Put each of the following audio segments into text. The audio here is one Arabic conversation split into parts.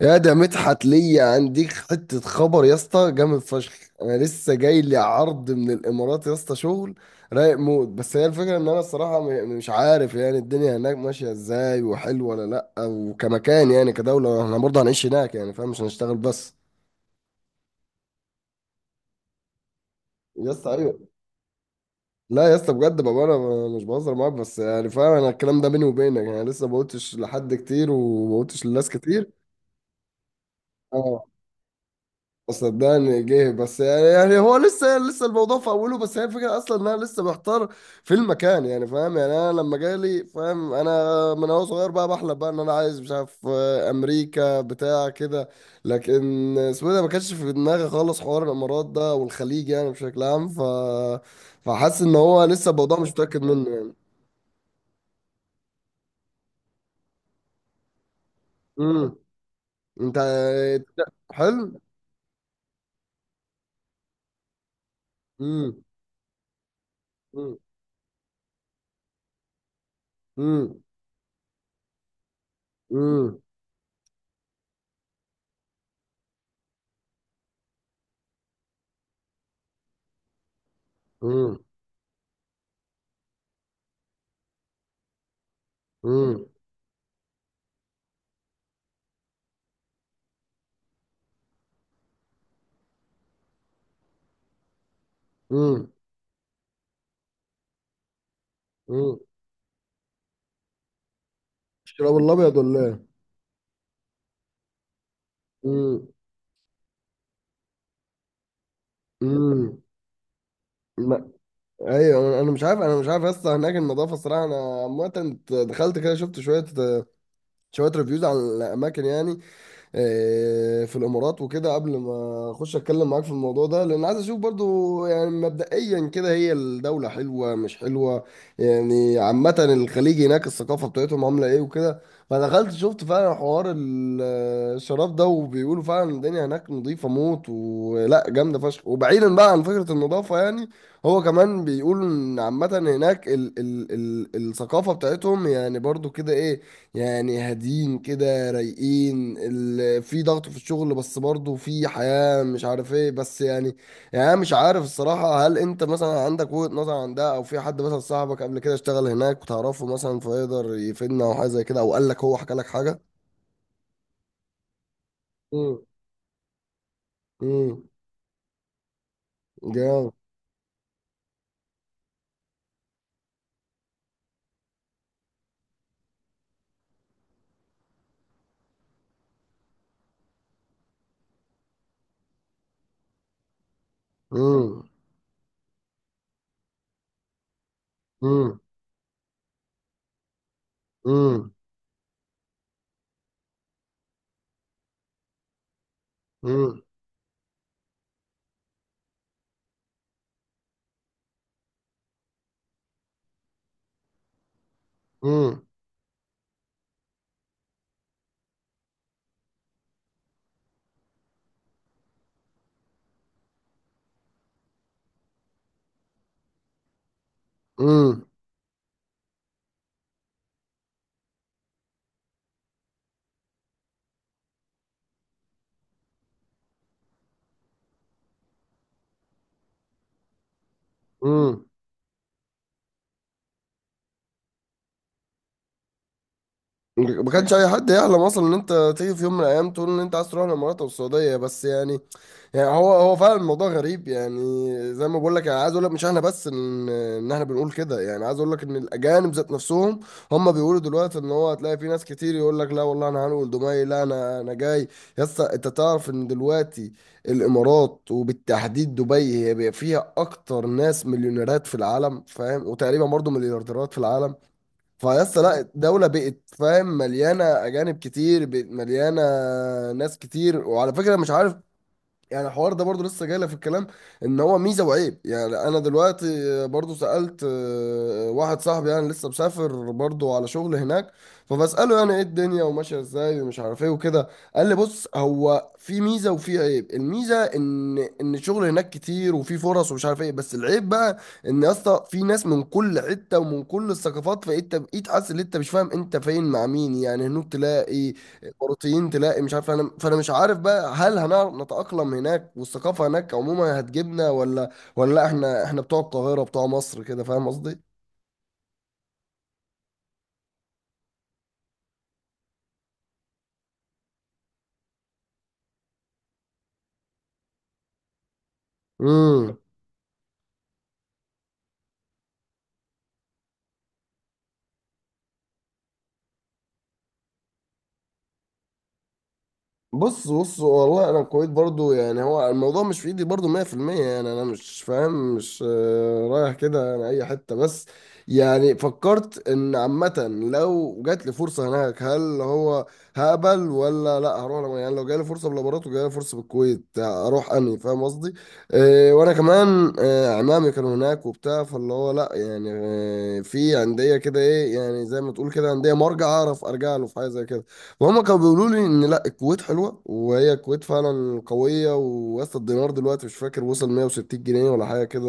يا ده مدحت، ليا عنديك حتة خبر يا اسطى، جامد فشخ. انا لسه جاي لي عرض من الامارات يا اسطى، شغل رايق موت. بس هي الفكرة ان انا الصراحة مش عارف يعني الدنيا هناك ماشية ازاي، وحلوة ولا لا. وكمكان يعني كدولة، احنا برضه هنعيش هناك يعني، فاهم؟ مش هنشتغل بس. يا اسطى ايوه. لا يا اسطى بجد، بابا انا مش بهزر معاك، بس يعني فاهم، انا الكلام ده بيني وبينك يعني، لسه ما قلتش لحد كتير وما قلتش لناس كتير. صدقني جه، بس يعني هو لسه الموضوع في اوله. بس هي الفكره اصلا ان انا لسه محتار في المكان يعني، فاهم؟ يعني انا لما جالي، فاهم، انا من هو صغير بقى بحلم بقى ان انا عايز، مش عارف، امريكا بتاع كده. لكن اسمه إيه ده، ما كانش في دماغي خالص حوار الامارات ده والخليج يعني بشكل عام. فحاسس ان هو لسه الموضوع مش متاكد منه يعني. امم. انت. حلو. امم. امم. امم. امم. امم. امم. الشراب الابيض ولا ايه؟ امم. امم. ما- ايوه، انا مش عارف، اصلا هناك النظافه، الصراحه انا عامه دخلت كده، شفت شويه شويه ريفيوز عن الاماكن يعني، في الامارات وكده، قبل ما اخش اتكلم معاك في الموضوع ده، لان عايز اشوف برضو يعني مبدئيا كده هي الدولة حلوة مش حلوة، يعني عامة الخليج هناك الثقافة بتاعتهم عاملة ايه وكده. فدخلت شفت فعلا حوار الشراب ده، وبيقولوا فعلا الدنيا هناك نظيفة موت ولا جامدة فشخ. وبعيدا بقى عن فكرة النظافة يعني، هو كمان بيقول ان عامة هناك ال الثقافة بتاعتهم يعني برضو كده ايه، يعني هاديين كده، رايقين، في ضغط في الشغل بس برضه في حياة، مش عارف ايه، بس يعني، يعني أنا مش عارف الصراحة، هل انت مثلا عندك وجهة نظر عن ده، او في حد مثلا صاحبك قبل كده اشتغل هناك وتعرفه مثلا فيقدر يفيدنا او حاجة زي كده، او قال لك، هو حكى لك حاجة؟ امم. امم. جامد. امم. امم. امم. امم. امم. ما كانش اي حد يحلم اصلا ان انت تيجي في يوم من الايام تقول ان انت عايز تروح الامارات او السعوديه، بس يعني، يعني هو فعلا الموضوع غريب يعني. زي ما بقول لك، انا عايز اقول لك، مش احنا بس ان احنا بنقول كده، يعني عايز اقول لك ان الاجانب ذات نفسهم هم بيقولوا دلوقتي ان هو هتلاقي في ناس كتير يقول لك لا والله انا هنقول دبي، لا انا جاي. يا اسطى انت تعرف ان دلوقتي الامارات، وبالتحديد دبي، هي بقى فيها اكتر ناس مليونيرات في العالم، فاهم، وتقريبا برضه مليارديرات في العالم. فيس لا، دولة بقت، فاهم، مليانة أجانب كتير، بقت مليانة ناس كتير. وعلى فكرة مش عارف، يعني الحوار ده برضو لسه جايلك في الكلام، ان هو ميزه وعيب يعني. انا دلوقتي برضو سالت واحد صاحبي يعني لسه مسافر برضو على شغل هناك، فبساله يعني ايه، الدنيا وماشيه ازاي ومش عارف ايه وكده. قال لي بص، هو في ميزه وفي عيب. الميزه ان الشغل هناك كتير، وفي فرص ومش عارف ايه. بس العيب بقى، ان يا اسطى في ناس من كل حته ومن كل الثقافات، فانت بقيت حاسس ان انت مش فاهم انت فين مع مين، يعني هناك تلاقي اماراتيين، تلاقي مش عارف انا، فانا مش عارف بقى، هل هنعرف نتأقلم هناك والثقافة هناك عموما هتجيبنا، ولا ولا لا، احنا بتوع القاهرة، بتوع مصر كده، فاهم قصدي؟ امم. بص، بص والله، انا الكويت برضو، يعني هو الموضوع مش في ايدي برضو 100%. يعني انا مش فاهم، مش رايح كده انا اي حتة بس، يعني فكرت ان عامة لو جات لي فرصة هناك، هل هو هقبل ولا لا هروح، يعني لو جالي فرصة بالامارات وجالي فرصة بالكويت اروح اني، فاهم قصدي؟ وانا كمان، عمامي كانوا هناك وبتاع، فاللي هو لا يعني، في عندية كده ايه، يعني زي ما تقول كده عندية مرجع اعرف ارجع له في حاجة زي كده. وهما كانوا بيقولوا لي ان لا، الكويت حلوه، وهي الكويت فعلا قويه، ووصل الدينار دلوقتي، مش فاكر، وصل 160 جنيه ولا حاجه كده،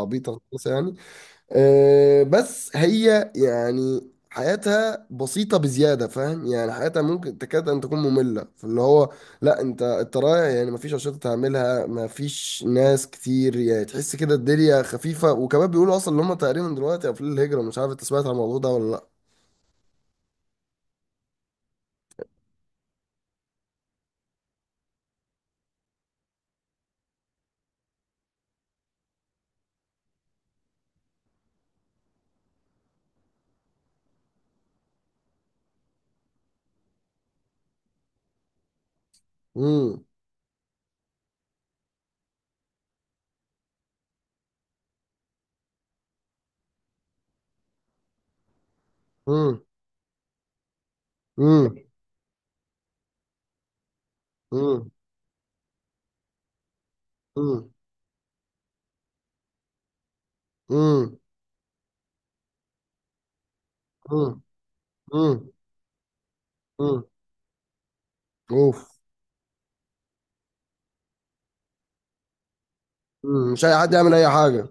عبيطه خالص يعني. بس هي يعني حياتها بسيطه بزياده، فاهم، يعني حياتها ممكن تكاد ان تكون ممله في اللي هو، لا انت، رايح يعني مفيش انشطه تعملها، مفيش ناس كتير، يعني تحس كده الدنيا خفيفه. وكمان بيقولوا اصلا ان هم تقريبا دلوقتي قافلين الهجره، مش عارف انت سمعت عن الموضوع ده ولا لا. امم. امم. امم. مم. مم. مم. مم. مم. اوف. مم. مش اي حد يعمل اي حاجه.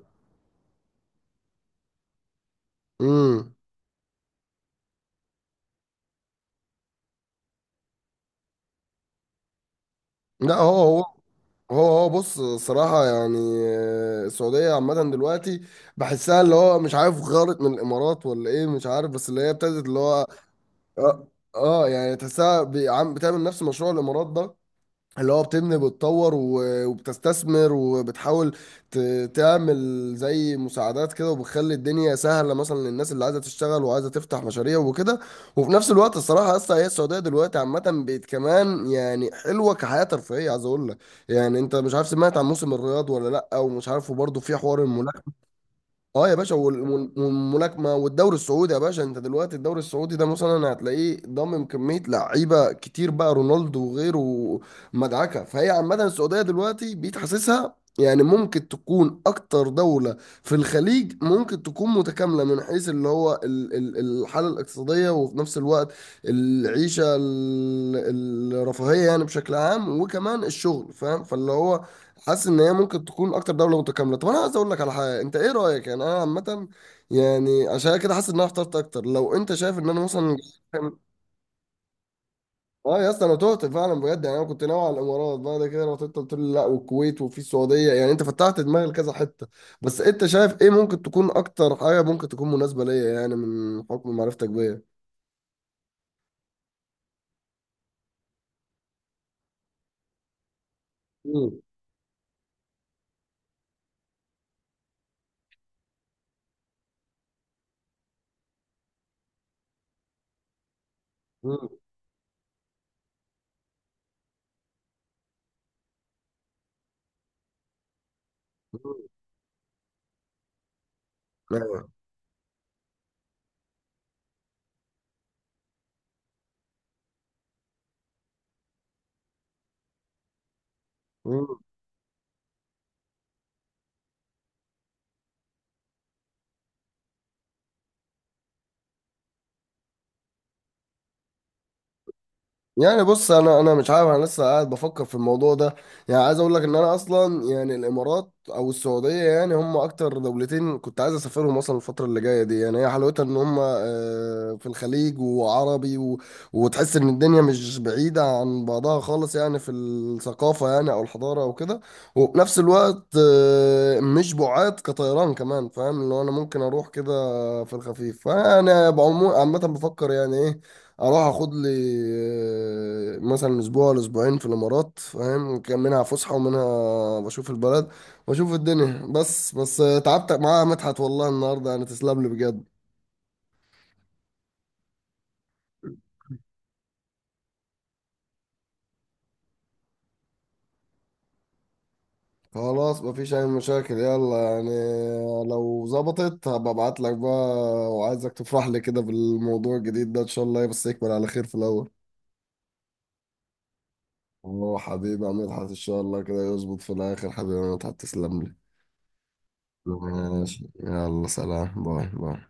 مم. لا هو، هو بص، صراحة يعني، السعودية عامة دلوقتي بحسها اللي هو، مش عارف غارت من الإمارات ولا إيه، مش عارف، بس اللي هي ابتدت اللي هو، آه, يعني تحسها بتعمل نفس مشروع الإمارات ده، اللي هو بتبني، بتطور وبتستثمر، وبتحاول تعمل زي مساعدات كده، وبتخلي الدنيا سهلة مثلا للناس اللي عايزة تشتغل وعايزة تفتح مشاريع وكده. وفي نفس الوقت الصراحة أصلا هي السعودية دلوقتي عامة بقت كمان يعني حلوة كحياة ترفيهية، عايز أقول لك يعني. أنت مش عارف، سمعت عن موسم الرياض ولا لأ، ومش عارف وبرضه في حوار الملاكمة. اه يا باشا، والملاكمه والدوري السعودي. يا باشا انت دلوقتي الدوري السعودي ده مثلا هتلاقيه ضامم كميه لعيبه كتير، بقى رونالدو وغيره، مدعكه. فهي عامه السعوديه دلوقتي بقيت حاسسها يعني ممكن تكون اكتر دوله في الخليج ممكن تكون متكامله، من حيث اللي هو الحاله الاقتصاديه، وفي نفس الوقت العيشه، الرفاهيه يعني بشكل عام، وكمان الشغل، فاهم، فاللي هو حاسس ان هي ممكن تكون اكتر دوله متكامله. طب انا عايز اقول لك على حاجه، انت ايه رايك يعني، انا عامه يعني عشان كده حاسس ان انا اخترت اكتر، لو انت شايف ان انا مثلا. اه يا اسطى، انا تهت فعلا بجد، يعني انا كنت ناوي على الامارات، بعد كده لو انت قلت لي لا، والكويت وفي السعوديه، يعني انت فتحت دماغي لكذا حته. بس انت شايف ايه ممكن تكون اكتر حاجه ممكن تكون مناسبه ليا، يعني من حكم معرفتك بيا. مم. مم. مم. أيوة. مم. يعني بص، انا مش عارف، انا لسه قاعد بفكر في الموضوع ده. يعني عايز اقول لك ان انا اصلا يعني الامارات او السعوديه يعني هم اكتر دولتين كنت عايز اسافرهم اصلا الفتره اللي جايه دي. يعني هي حلاوتها ان هم، في الخليج وعربي و... وتحس ان الدنيا مش بعيده عن بعضها خالص يعني، في الثقافه يعني او الحضاره او كده. وفي نفس الوقت مش بعاد كطيران كمان، فاهم، اللي هو انا ممكن اروح كده في الخفيف. فانا عامه بفكر يعني ايه، اروح اخد لي مثلا اسبوع ولا اسبوعين في الامارات، فاهم، كان منها فسحه ومنها بشوف البلد واشوف الدنيا بس. بس تعبت معاها مدحت والله النهارده يعني، تسلم لي بجد. خلاص، مفيش اي مشاكل، يلا يعني لو ظبطت هبقى ابعت لك بقى. وعايزك تفرح لي كده بالموضوع الجديد ده ان شاء الله، بس يكمل على خير في الاول. اه حبيبي يا مدحت، ان شاء الله كده يظبط في الاخر. حبيبي يا مدحت تسلم لي. ماشي، يلا، سلام، باي باي.